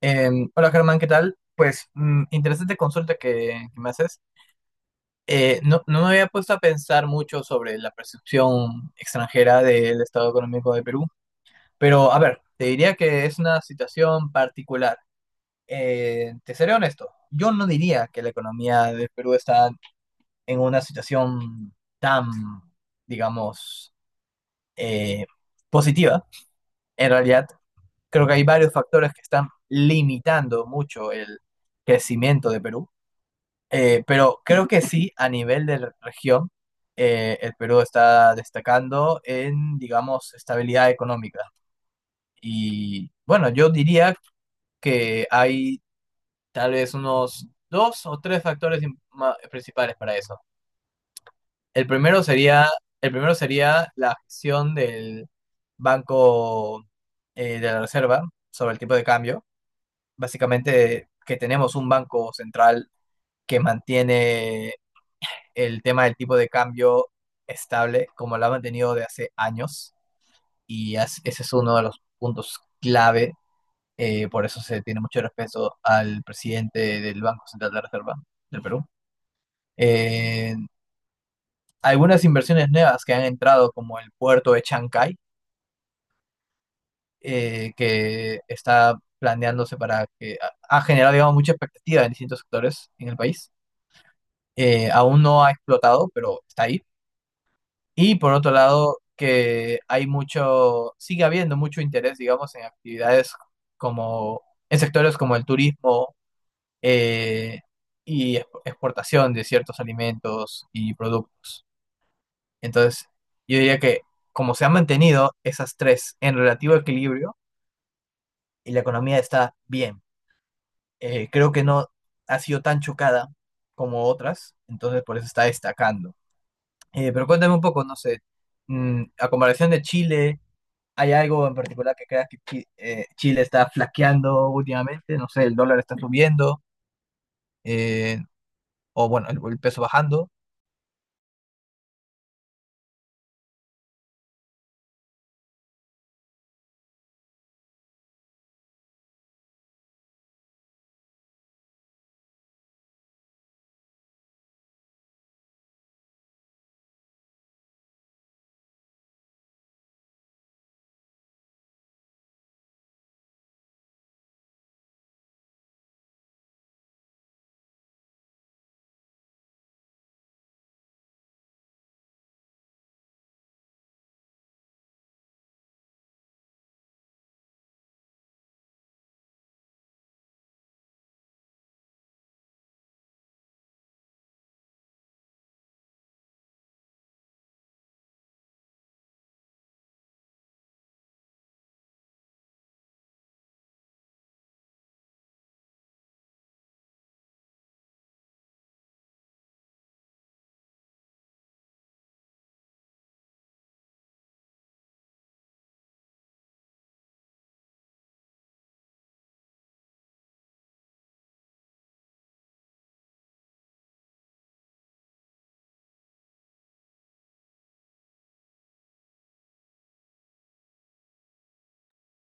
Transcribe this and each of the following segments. Hola Germán, ¿qué tal? Pues interesante consulta que me haces. No me había puesto a pensar mucho sobre la percepción extranjera del estado económico de Perú, pero a ver, te diría que es una situación particular. Te seré honesto, yo no diría que la economía de Perú está en una situación tan, digamos, eh, positiva. En realidad, creo que hay varios factores que están limitando mucho el crecimiento de Perú. Pero creo que sí, a nivel de región, el Perú está destacando en, digamos, estabilidad económica. Y bueno, yo diría que hay tal vez unos dos o tres factores principales para eso. El primero sería, el primero sería la gestión del Banco de la Reserva sobre el tipo de cambio. Básicamente que tenemos un banco central que mantiene el tema del tipo de cambio estable como lo ha mantenido de hace años y ese es uno de los puntos clave, por eso se tiene mucho respeto al presidente del Banco Central de la Reserva del Perú. Eh, Algunas inversiones nuevas que han entrado como el puerto de Chancay, que está planeándose para que ha generado, digamos, mucha expectativa en distintos sectores en el país. Aún no ha explotado, pero está ahí. Y por otro lado, que hay mucho, sigue habiendo mucho interés, digamos, en actividades como, en sectores como el turismo eh, y exportación de ciertos alimentos y productos. Entonces, yo diría que como se han mantenido esas tres en relativo equilibrio y la economía está bien, creo que no ha sido tan chocada como otras, entonces por eso está destacando. Pero cuéntame un poco, no sé, a comparación de Chile. ¿Hay algo en particular que creas que Chile está flaqueando últimamente? No sé, el dólar está subiendo, eh, o bueno, el peso bajando.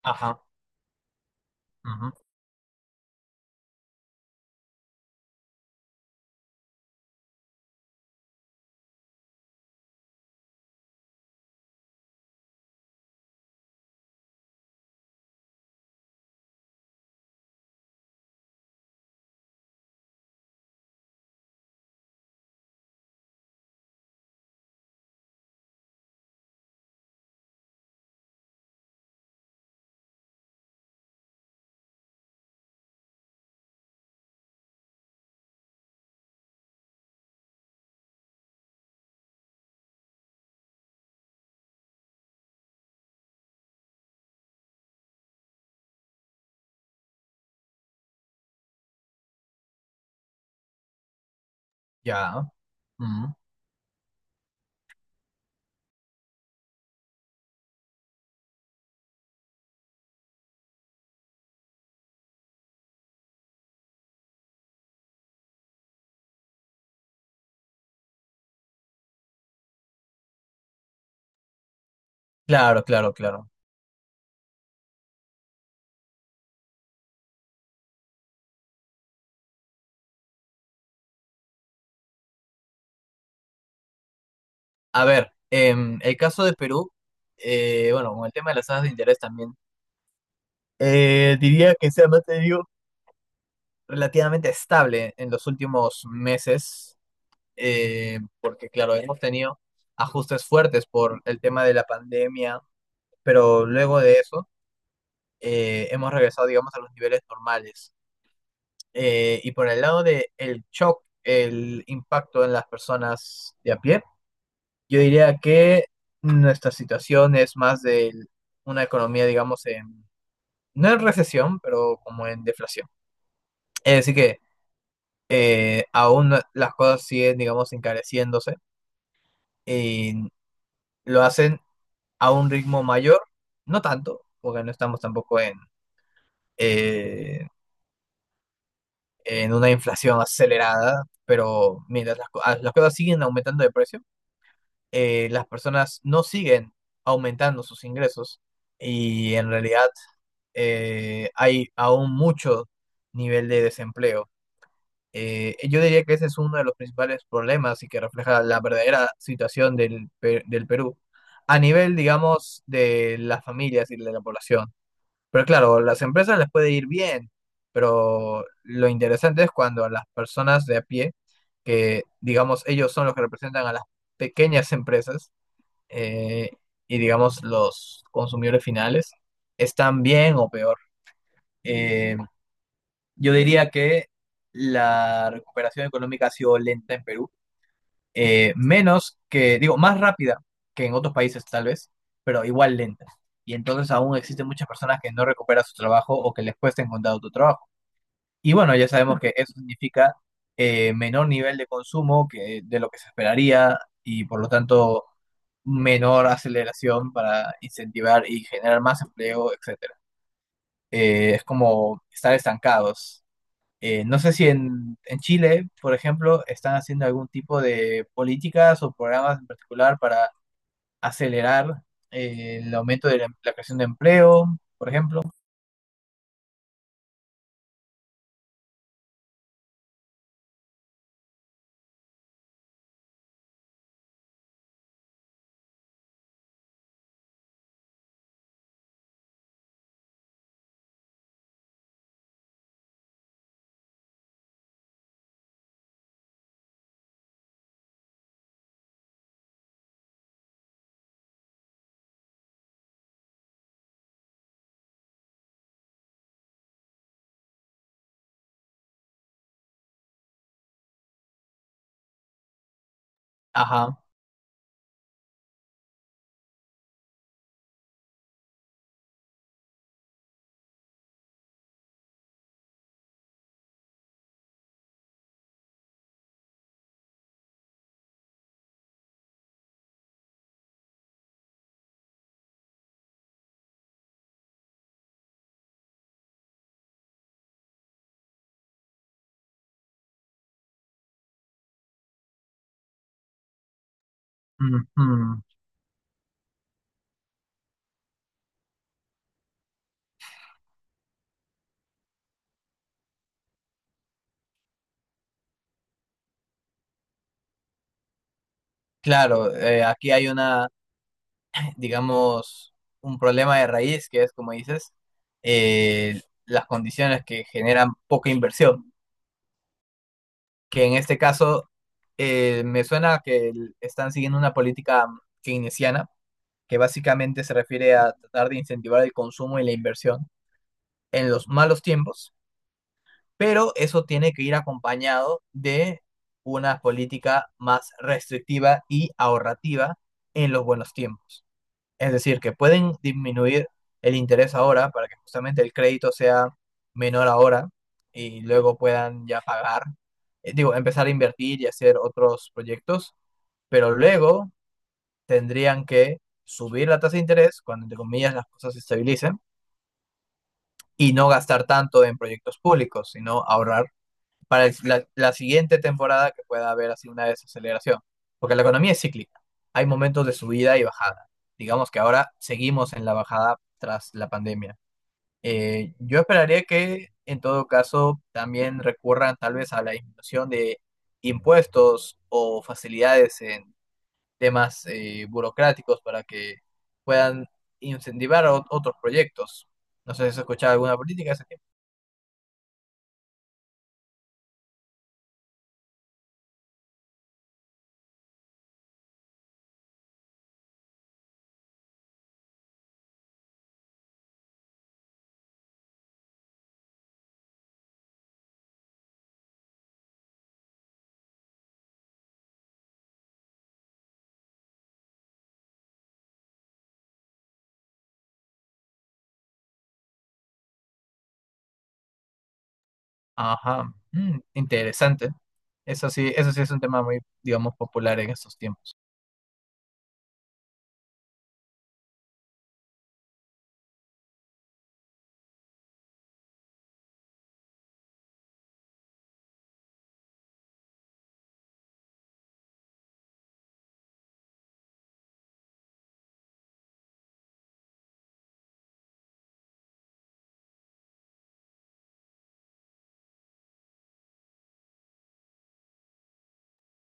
Ajá, ujú, ya. Ujú. Claro, claro, claro. A ver, el caso de Perú, bueno, con el tema de las tasas de interés también, diría que se ha mantenido relativamente estable en los últimos meses, porque claro, hemos tenido ajustes fuertes por el tema de la pandemia, pero luego de eso hemos regresado, digamos, a los niveles normales. Y por el lado de el shock, el impacto en las personas de a pie, yo diría que nuestra situación es más de una economía, digamos, en, no en recesión, pero como en deflación. Es decir que aún no- las cosas siguen, digamos, encareciéndose y lo hacen a un ritmo mayor, no tanto, porque no estamos tampoco en… eh, en una inflación acelerada, pero mientras las cosas siguen aumentando de precio, las personas no siguen aumentando sus ingresos y en realidad hay aún mucho nivel de desempleo. Yo diría que ese es uno de los principales problemas y que refleja la verdadera situación del Perú a nivel, digamos, de las familias y de la población. Pero claro, las empresas les puede ir bien, pero lo interesante es cuando a las personas de a pie, que digamos ellos son los que representan a las pequeñas empresas, eh, y digamos los consumidores finales, están bien o peor. Eh, yo diría que la recuperación económica ha sido lenta en Perú, menos que, digo, más rápida que en otros países tal vez, pero igual lenta. Y entonces aún existen muchas personas que no recuperan su trabajo o que les cuesta encontrar otro trabajo. Y bueno, ya sabemos que eso significa menor nivel de consumo que, de lo que se esperaría, y por lo tanto menor aceleración para incentivar y generar más empleo, etcétera. Es como estar estancados. No sé si en, en Chile, por ejemplo, están haciendo algún tipo de políticas o programas en particular para acelerar el aumento de la creación de empleo, por ejemplo. Ajá. Ujú. Claro, aquí hay una, digamos, un problema de raíz que es, como dices, eh, las condiciones que generan poca inversión, que en este caso me suena que están siguiendo una política keynesiana que básicamente se refiere a tratar de incentivar el consumo y la inversión en los malos tiempos, pero eso tiene que ir acompañado de una política más restrictiva y ahorrativa en los buenos tiempos. Es decir, que pueden disminuir el interés ahora para que justamente el crédito sea menor ahora y luego puedan ya pagar, digo, empezar a invertir y hacer otros proyectos, pero luego tendrían que subir la tasa de interés cuando, entre comillas, las cosas se estabilicen y no gastar tanto en proyectos públicos, sino ahorrar para la siguiente temporada que pueda haber así una desaceleración. Porque la economía es cíclica. Hay momentos de subida y bajada. Digamos que ahora seguimos en la bajada tras la pandemia. Yo esperaría que en todo caso también recurran tal vez a la disminución de impuestos o facilidades en temas burocráticos para que puedan incentivar otros proyectos. No sé si has escuchado alguna política de ese tipo. Ajá, interesante. Eso sí es un tema muy, digamos, popular en estos tiempos.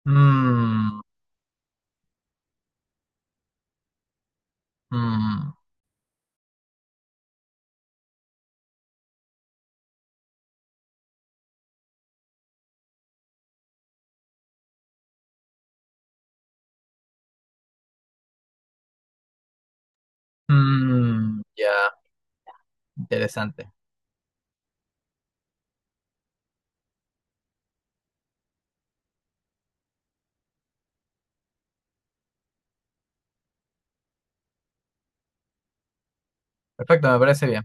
Mm, mm, ya, interesante. Perfecto, me parece bien.